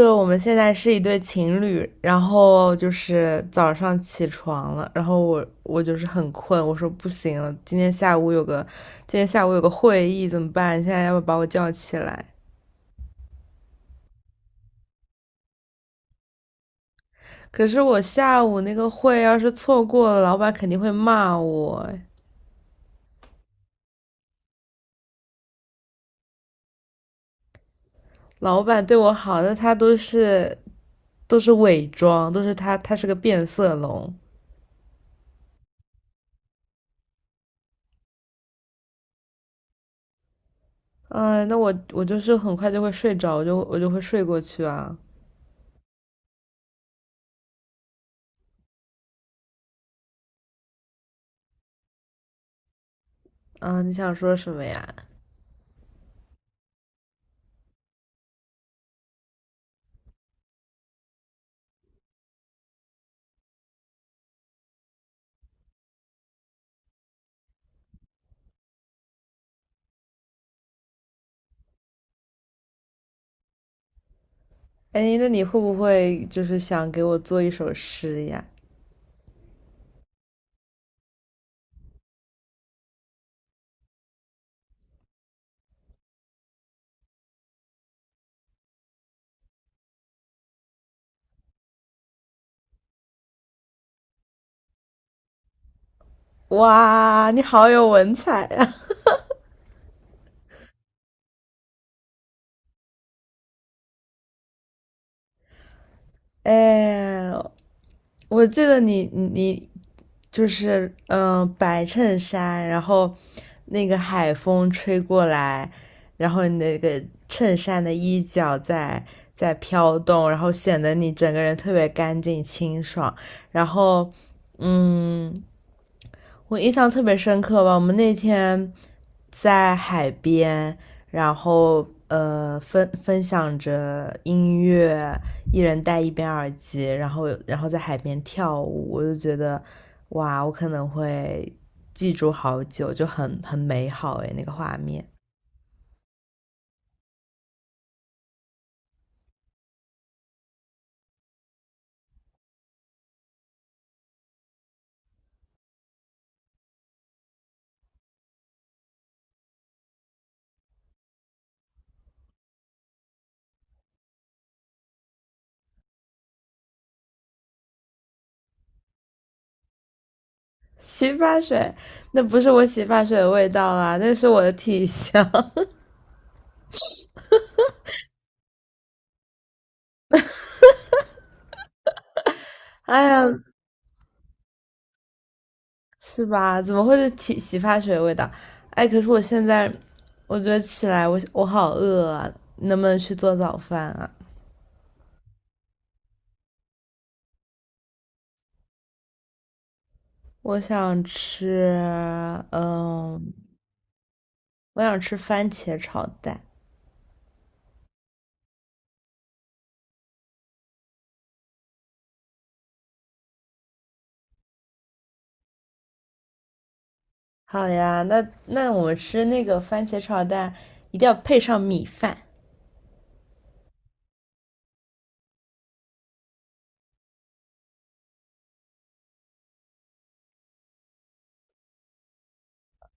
就我们现在是一对情侣，然后就是早上起床了，然后我就是很困，我说不行了，今天下午有个会议怎么办？你现在要不要把我叫起来？可是我下午那个会要是错过了，老板肯定会骂我哎。老板对我好，那他都是都是伪装，都是他是个变色龙。嗯，那我就是很快就会睡着，我就会睡过去啊。嗯，你想说什么呀？哎，那你会不会就是想给我做一首诗呀？哇，你好有文采啊！哎，我记得你就是白衬衫，然后那个海风吹过来，然后你那个衬衫的衣角在飘动，然后显得你整个人特别干净清爽，然后嗯，我印象特别深刻吧，我们那天在海边，然后分享着音乐，一人戴一边耳机，然后在海边跳舞，我就觉得哇，我可能会记住好久，就很美好诶，那个画面。洗发水，那不是我洗发水的味道啦，那是我的体香。哎呀，是吧？怎么会是洗发水的味道？哎，可是我现在，我觉得起来我好饿啊，能不能去做早饭啊？我想吃，嗯，我想吃番茄炒蛋。好呀，那我们吃那个番茄炒蛋，一定要配上米饭。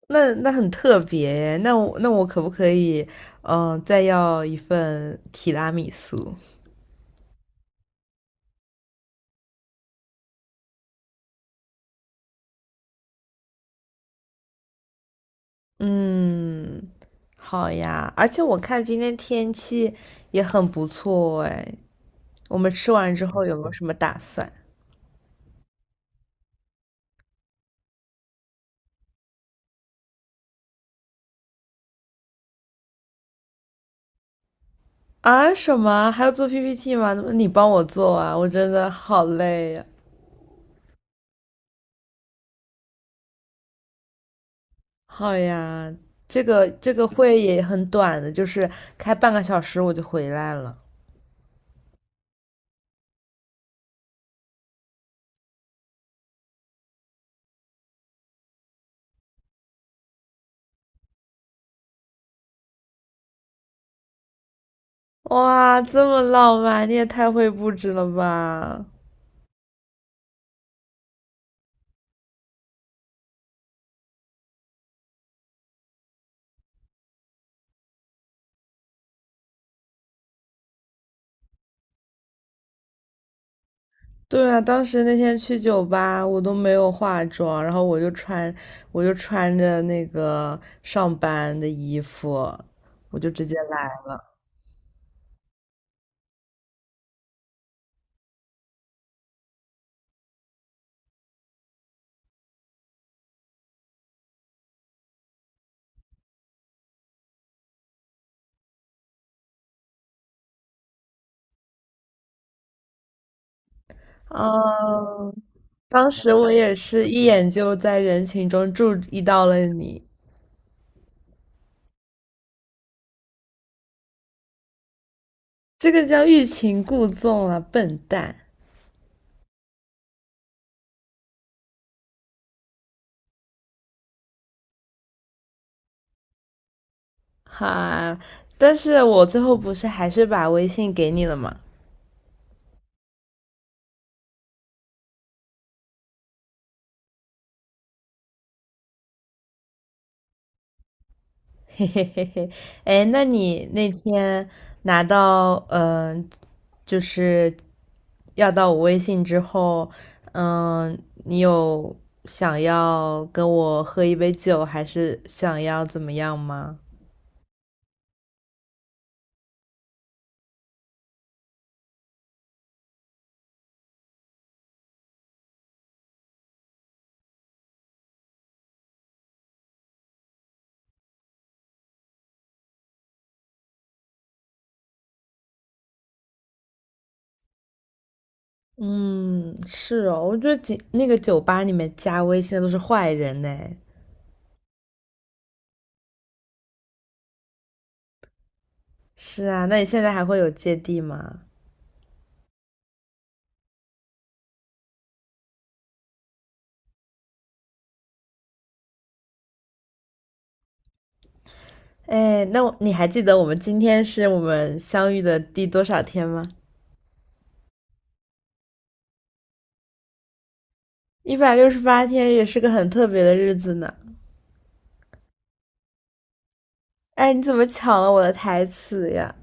那很特别耶那我可不可以，嗯，再要一份提拉米苏？嗯，好呀。而且我看今天天气也很不错哎。我们吃完之后有没有什么打算？啊，什么？还要做 PPT 吗？那么你帮我做啊？我真的好累呀。好呀，这个会也很短的，就是开半个小时我就回来了。哇，这么浪漫，你也太会布置了吧！对啊，当时那天去酒吧，我都没有化妆，然后我就穿着那个上班的衣服，我就直接来了。嗯，当时我也是一眼就在人群中注意到了你，这个叫欲擒故纵啊，笨蛋！哈，但是我最后不是还是把微信给你了吗？嘿嘿嘿嘿，哎，那你那天拿到就是要到我微信之后，嗯，你有想要跟我喝一杯酒，还是想要怎么样吗？嗯，是哦，我觉得那个酒吧里面加微信的都是坏人呢。是啊，那你现在还会有芥蒂吗？哎，那我你还记得我们今天是我们相遇的第多少天吗？168天，也是个很特别的日子呢。哎，你怎么抢了我的台词呀？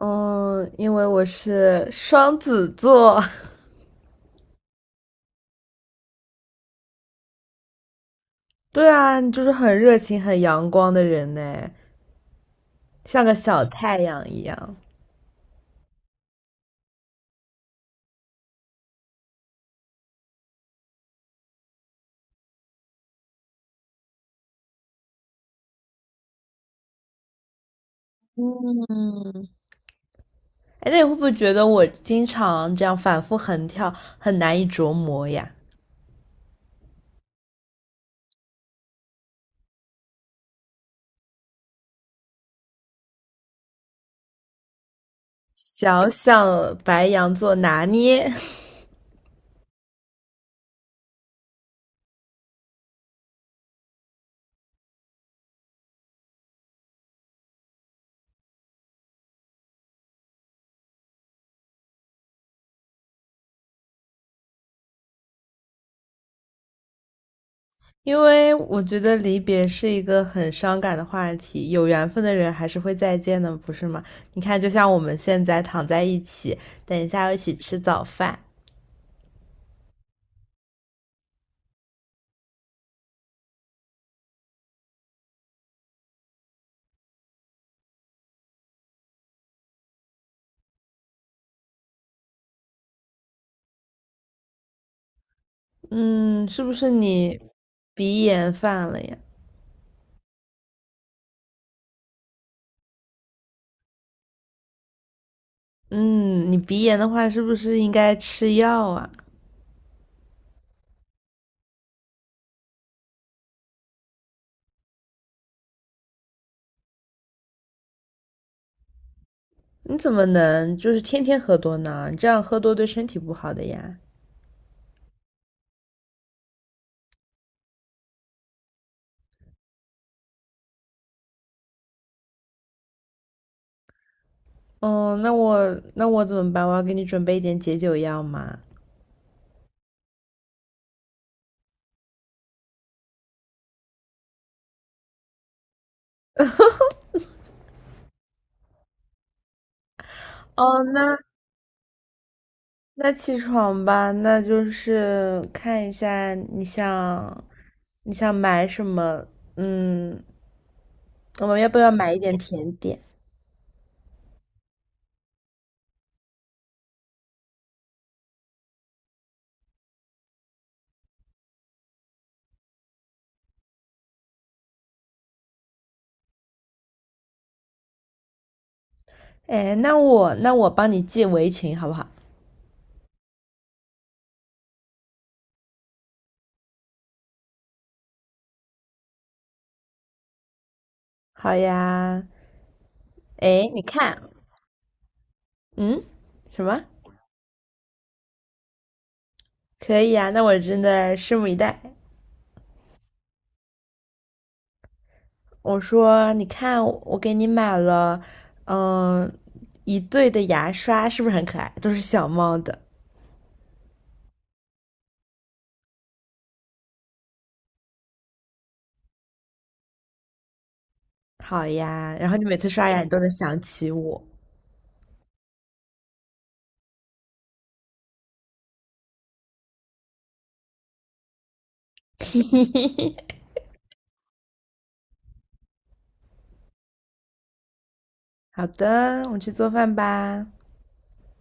嗯，因为我是双子座，对啊，你就是很热情、很阳光的人呢，像个小太阳一样。嗯，哎，那你会不会觉得我经常这样反复横跳，很难以琢磨呀？小小白羊座拿捏，因为我觉得离别是一个很伤感的话题，有缘分的人还是会再见的，不是吗？你看，就像我们现在躺在一起，等一下要一起吃早饭。嗯，是不是你鼻炎犯了呀？嗯，你鼻炎的话，是不是应该吃药啊？你怎么能就是天天喝多呢？你这样喝多对身体不好的呀。哦，那我怎么办？我要给你准备一点解酒药吗？哦，那那起床吧，那就是看一下你想买什么？嗯，我们要不要买一点甜点？哎，那我帮你系围裙好不好？好呀，哎，你看，嗯，什么？可以呀，那我真的拭目以待。我说，你看，我给你买了，嗯，一对的牙刷，是不是很可爱？都是小猫的。好呀，然后你每次刷牙，你都能想起我。好的，我去做饭吧。